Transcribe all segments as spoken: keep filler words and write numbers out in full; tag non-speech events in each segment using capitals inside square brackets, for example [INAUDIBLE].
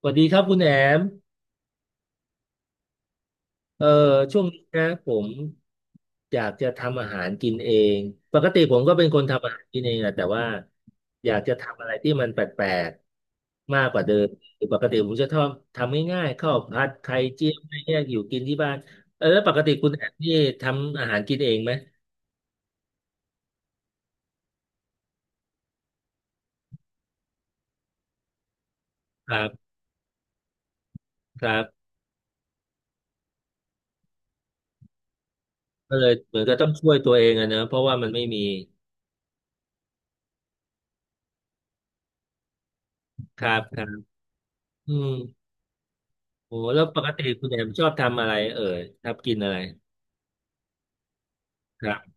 สวัสดีครับคุณแอมเอ่อช่วงนี้นะผมอยากจะทำอาหารกินเอง ปกติผมก็เป็นคนทำอาหารกินเองอะแต่ว่าอยากจะทำอะไรที่มันแปลกๆมากกว่าเดิมคือปกติผมจะชอบทำง่ายๆข้าวผัดไข่เจียวอะไรเงี้ยอยู่กินที่บ้านเออแล้วปกติคุณแอมนี่ทำอาหารกินเองไหมครับครับก็เลยเหมือนก็ต้องช่วยตัวเองอะเนอะเพราะว่ามันไม่มีครับครับอืมโอ้แล้วปกติคุณแอมชอบทำอะไรเอ่ยชอบกินอะไรครับ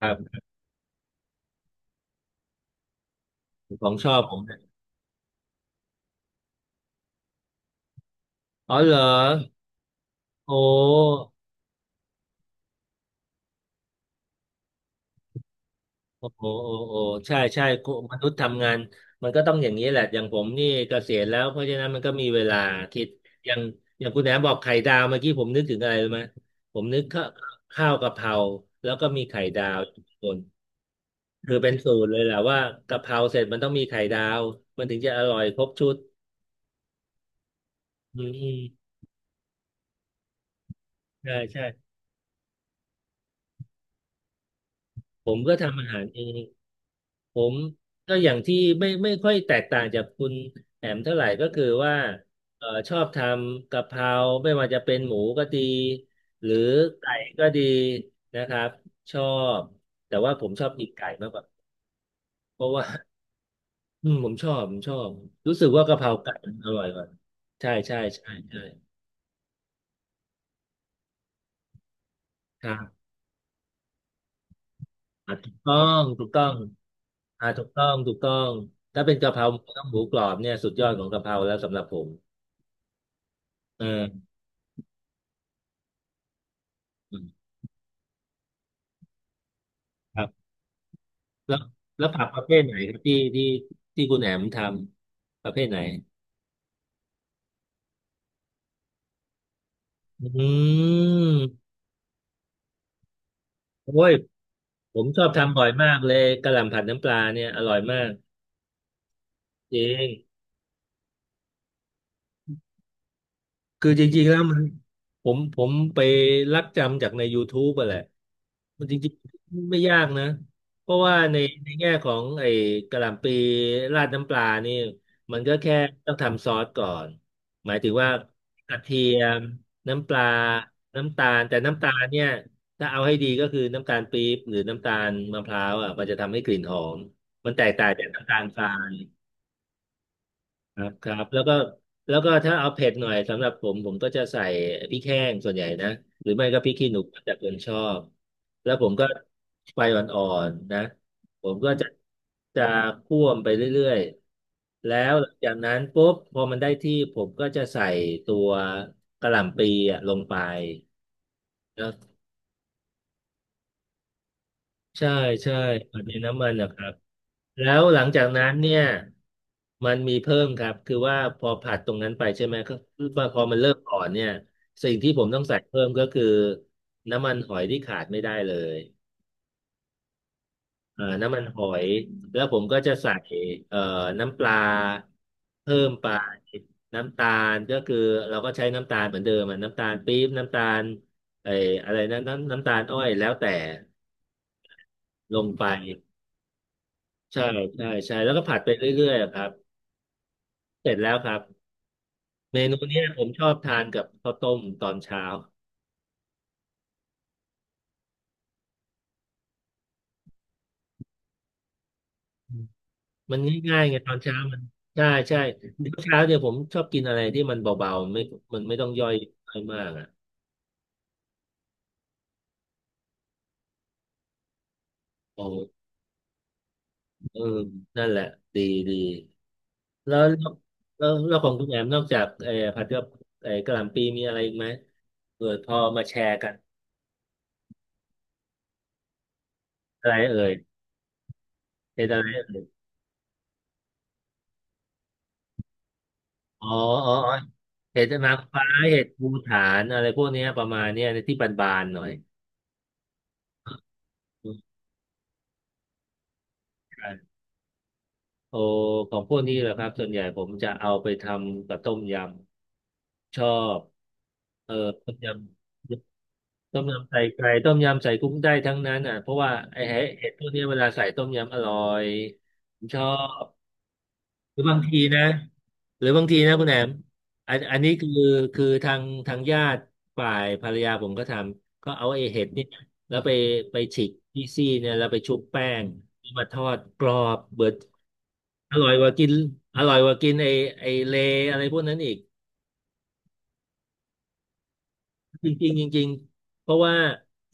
ครับ ของชอบผมเนี่ยอ๋อเหรอโอ้โอ้โอ้โอ้โอ้ใช่ใช่คุณมนุษย์ทำงานมันก็ต้องอย่างนี้แหละอย่างผมนี่เกษียณแล้วเพราะฉะนั้นมันก็มีเวลาคิดอย่างอย่างคุณแหนมบอกไข่ดาวเมื่อกี้ผมนึกถึงอะไรรู้ไหมผมนึกข้าวข้าวกะเพราแล้วก็มีไข่ดาวทุกคนคือเป็นสูตรเลยแหละว่ากะเพราเสร็จมันต้องมีไข่ดาวมันถึงจะอร่อยครบชุดอืมอืมใช่ใช่ผมก็ทำอาหารเอง ผมก็อย่างที่ไม่ไม่ค่อยแตกต่างจากคุณแอมเท่าไหร่ก็คือว่าเอ่อชอบทำกะเพราไม่ว่าจะเป็นหมูก็ดีหรือไก่ก็ดีนะครับชอบแต่ว่าผมชอบกินไก่มากกว่าเพราะว่าอืมผมชอบผมชอบรู้สึกว่ากะเพราไก่มันอร่อยกว่าใช่ใช่ใช่ใช่ครับอ่ะถูกต้องถูกต้องอ่ะถูกต้องถูกต้องถ้าเป็นกะเพราหมูต้องหมูกรอบเนี่ยสุดยอดของกะเพราแล้วสำหรับผมเอออืมครับ แล้วแล้วผักประเภทไหนครับที่ที่ที่คุณแหนมทำประเภทไหนอืมโอ้ยผมชอบทำบ่อยมากเลยกะหล่ำผัดน้ำปลาเนี่ยอร่อยมากจริง คือจริงๆแล้วมันผมผมไปลักจำจากใน ยูทูบ อะแหละมันจริงๆไม่ยากนะเพราะว่าในในแง่ของไอ้กะหล่ำปีราดน้ำปลานี่มันก็แค่ต้องทำซอสก่อนหมายถึงว่ากระเทียมน้ำปลาน้ำตาลแต่น้ำตาลเนี่ยถ้าเอาให้ดีก็คือน้ำตาลปี๊บหรือน้ำตาลมะพร้าวอ่ะมันจะทำให้กลิ่นหอมมันแตกต่างจากน้ำตาลทราย ครับครับแล้วก็แล้วก็ถ้าเอาเผ็ดหน่อยสำหรับผมผมก็จะใส่พริกแห้งส่วนใหญ่นะหรือไม่ก็พริกขี้หนูแต่คนชอบแล้วผมก็ไฟอ่อนๆนะผมก็จะจะคั่วมไปเรื่อยๆแล้วหลังจากนั้นปุ๊บพอมันได้ที่ผมก็จะใส่ตัวกะหล่ำปีอะลงไป ใช่ใช่ปฏินน้ำมันนะครับแล้วหลังจากนั้นเนี่ยมันมีเพิ่มครับคือว่าพอผัดตรงนั้นไปใช่ไหมก็คือว่าพอมันเริ่มอ่อนเนี่ยสิ่งที่ผมต้องใส่เพิ่มก็คือน้ำมันหอยที่ขาดไม่ได้เลยเอ่อน้ำมันหอยแล้วผมก็จะใส่เอ่อน้ำปลาเพิ่มไปน้ำตาลก็คือเราก็ใช้น้ำตาลเหมือนเดิมอะน้ำตาลปี๊บน้ำตาลไอ้อะไรนะน้ำน้ำตาลอ้อยแล้วแต่ลงไป ใช่ใช่ใช่แล้วก็ผัดไปเรื่อยๆอะครับเสร็จแล้วครับเมนูเนี้ยผมชอบทานกับข้าวต้มตอนเช้ามันง่ายๆไงตอนเช้ามันใช่ใช่เดี๋ยวเช้าเนี่ยผมชอบกินอะไรที่มันเบาๆไม่มันไม่ต้องย่อยมากอ่ะโอ้เออนั่นแหละดีดีแล้วแล้วแล้วของคุณแอมนอกจากไอ้ผัดกับไอ้กะหล่ำปีมีอะไรอีกไหมเออพอมาแชร์กันอะไรเอ่ยเป็นอะไรเอ่ยอ๋ออ๋อ เห็ดนางฟ้าเห็ดภูฐานอะไรพวกเนี้ยประมาณเนี้ยในที่บานๆหน่อยใช่โอของพวกนี้แหละครับส่วนใหญ่ผมจะเอาไปทำกับต้มยำชอบเออต้มยำต้มยำใส่ไก่ต้มยำใส่กุ้งได้ทั้งนั้นอ่ะเพราะว่าไอ้เห็ดพวกนี้เวลาใส่ต้มยำอร่อยผมชอบ หรือบางทีนะหรือบางทีนะคุณแหนมอันอันนี้คือคือทางทางญาติฝ่ายภรรยาผมก็ทำก็เอาไอ้เห็ดเนี่ยแล้วไปไปฉีกที่ซี่เนี่ยแล้วไปชุบแป้งมาทอดกรอบเบิดอร่อยกว่ากินอร่อยกว่ากินไอ้ไอ้เลอะไรพวกนั้นอีกจริงๆจริงๆเพราะว่า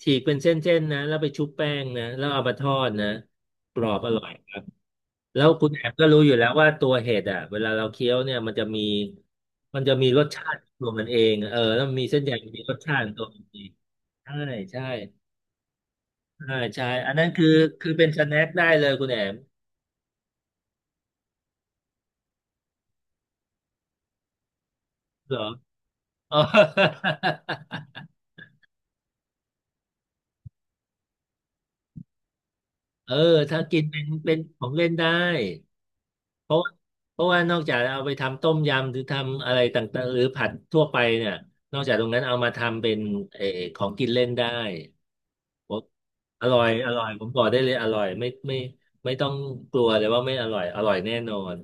ฉีกเป็นเส้นๆนะแล้วไปชุบแป้งนะแล้วเอามาทอดนะกรอบอร่อย แล้วคุณแอมก็รู้อยู่แล้วว่าตัวเห็ดอ่ะเวลาเราเคี้ยวเนี่ยมันจะมีมันจะมีรสชาติของตัวมันเองเออแล้วมันมีเส้นใยมีรสชาติของตัวมันเองใช่ใช่ใช่ใช่อันนั้นคือคือเป็นสแน็คได้เลยคุณแอมเหรออ๋อ [LAUGHS] เออถ้ากินเป็นเป็นของเล่นได้เพราะว่าเพราะว่านอกจากเอาไปทำต้มยำหรือทำอะไรต่างๆหรือผัดทั่วไปเนี่ยนอกจากตรงนั้นเอามาทำเป็นเออของกินเล่นได้ ผมอร่อยอร่อยผมบอกได้เลยอร่อยไม่ไม่ไม่ต้องกลัวเลยว่าไม่อร่อยอร่อยแน่นอน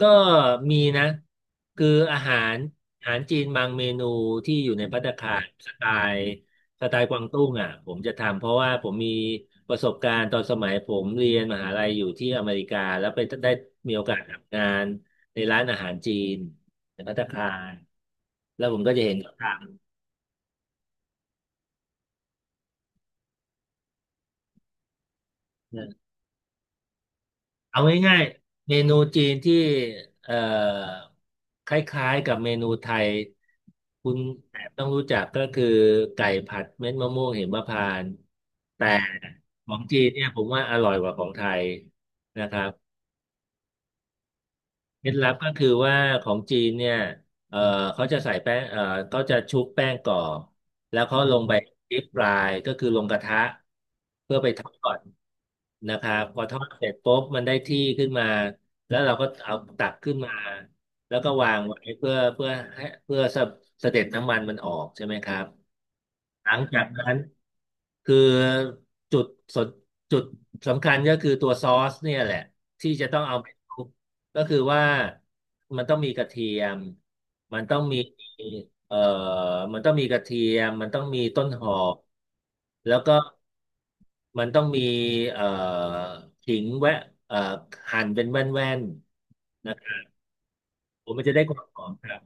ก็มีนะคืออาหารอาหารจีนบางเมนูที่อยู่ในภัตตาคารสไตล์สไตล์กวางตุ้งอ่ะผมจะทำเพราะว่าผมมีประสบการณ์ตอนสมัยผมเรียนมหาลัยอยู่ที่อเมริกาแล้วไปได้มีโอกาสทำงานในร้านอาหารจีนในภัตตาคารแล้วผมก็จะเห็นเขาทำ เอาง่ายๆเมนูจีนที่เอ่อคล้ายๆกับเมนูไทยคุณแอบต้องรู้จักก็คือไก่ผัดเม็ดมะม่วงหิมพานต์แต่ของจีนเนี่ยผมว่าอร่อยกว่าของไทยนะครับ เคล็ดลับก็คือว่าของจีนเนี่ยเออเขาจะใส่แป้งเออเขาจะชุบแป้งก่อนแล้วเขาลงไปดิฟรายก็คือลงกระทะเพื่อไปทอดนะครับพอทอดเสร็จปุ๊บมันได้ที่ขึ้นมาแล้วเราก็เอาตักขึ้นมาแล้วก็วางไว้เพื่อเพื่อให้เพื่อสะเสด็จน้ำมันมันออกใช่ไหมครับ หลังจากนั้นคือจุดสนจุดสำคัญก็คือตัวซอสเนี่ยแหละที่จะต้องเอาไปคลุกก็คือว่ามันต้องมีกระเทียมมันต้องมีเอ่อมันต้องมีกระเทียมมันต้องมีต้นหอมแล้วก็มันต้องมีเอ่อขิงแวะเอ่อหั่นเป็นแว่นๆนะครับผมมันจะได้ความหอมครับ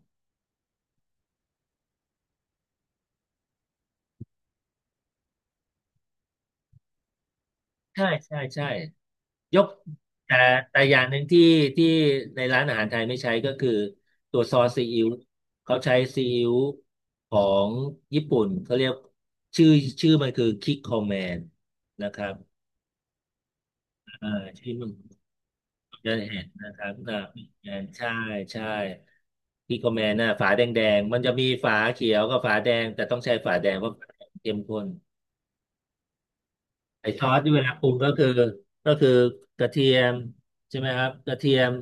ใช่ใช่ใช่ ยกแต่แต่อย่างหนึ่งที่ที่ในร้านอาหารไทยไม่ใช้ก็คือตัวซอสซีอิ๊วเขาใช้ซีอิ๊วของญี่ปุ่นเขาเรียกชื่อชื่อมันคือคิกคอมแมนนะครับอ่าชื่อมันจะเห็นนะครับอ่าแมนใช่ใช่คิกคอมแมนน่ะฝาแดงแดงมันจะมีฝาเขียวกับฝาแดงแต่ต้องใช้ฝาแดงเพราะฝาแดงเข้มข้น ไอ้ซอสที่เวลาปรุงก็คือก็คือกระเทียมใช่ไหมครับกระเทียม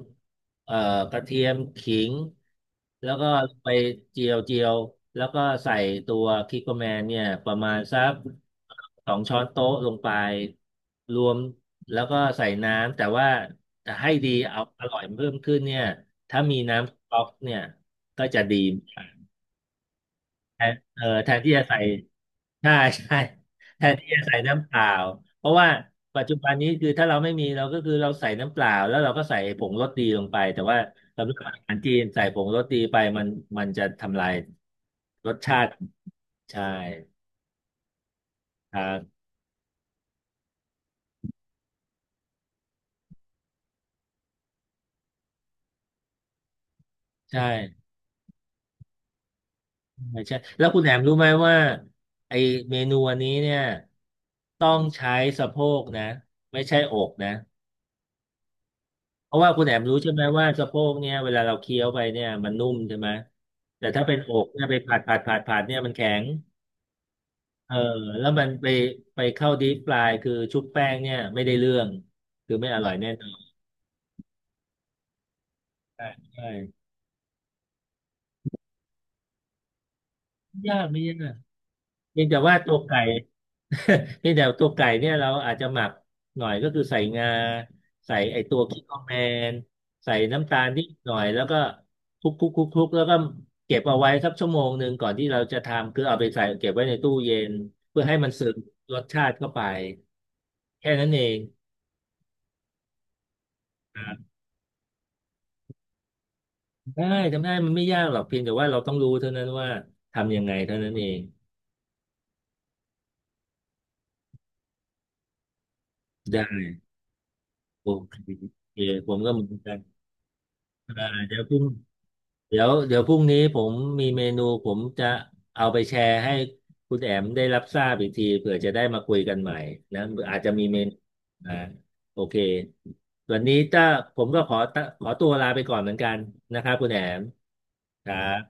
เอ่อกระเทียมขิงแล้วก็ไปเจียวเจียวแล้วก็ใส่ตัวคิกโกแมนเนี่ยประมาณสักสองช้อนโต๊ะลงไปรวมแล้วก็ใส่น้ำแต่ว่าจะให้ดีเอาอร่อยเพิ่มขึ้นเนี่ยถ้ามีน้ำสต๊อกเนี่ยก็จะดีมากแทนเอ่อแทนที่จะใส่ ใช่ใช่แทนที่จะใส่น้ำเปล่าเพราะว่าปัจจุบันนี้คือถ้าเราไม่มีเราก็คือเราใส่น้ำเปล่าแล้วเราก็ใส่ผงรสดีลงไปแต่ว่าสำหรับอาหารจีนใส่ผงรสดีไปมันมันจะทำลายรสชาติใช่ครับใช่ใช่ใช่แล้วคุณแหนมรู้ไหมว่าไอเมนูอันนี้เนี่ยต้องใช้สะโพกนะไม่ใช่อกนะ เพราะว่าคุณแอมรู้ใช่ไหมว่าสะโพกเนี่ยเวลาเราเคี้ยวไปเนี่ยมันนุ่มใช่ไหมแต่ถ้าเป็นอกเนี่ยไปผัดผัดผัดผัดเนี่ยมันแข็งเออแล้วมันไปไปเข้าดีปลายคือชุบแป้งเนี่ยไม่ได้เรื่องคือไม่อร่อยแน่นอนใช่ใช่ไม่ยากไม่ยาก เพียงแต่ว่าตัวไก่ [LAUGHS] เพียงแต่ตัวไก่เนี่ยเราอาจจะหมักหน่อยก็คือใส่งาใส่ไอตัวคิดคอกแมนใส่น้ำตาลนิดหน่อยแล้วก็คลุกคลุกคลุกคลุกแล้วก็เก็บเอาไว้สักชั่วโมงหนึ่งก่อนที่เราจะทำคือเอาไปใส่เก็บไว้ในตู้เย็นเพื่อให้มันซึมรสชาติเข้าไปแค่นั้นเองครับได้ทำได้มันไม่ยากหรอกเพียงแต่ว่าเราต้องรู้เท่านั้นว่าทำยังไงเท่านั้นเองได้โอเคผมก็เหมือนกันอ่าเดี๋ยวพรุ่ง เดี๋ยวเดี๋ยวพรุ่งนี้ผมมีเมนูผมจะเอาไปแชร์ให้คุณแอมได้รับทราบอีกทีเผื่อจะได้มาคุยกันใหม่นะอาจจะมีเมนูอ่าโอเควันนี้ถ้าผมก็ขอตขอตัวลาไปก่อนเหมือนกันนะครับคุณแอมครับ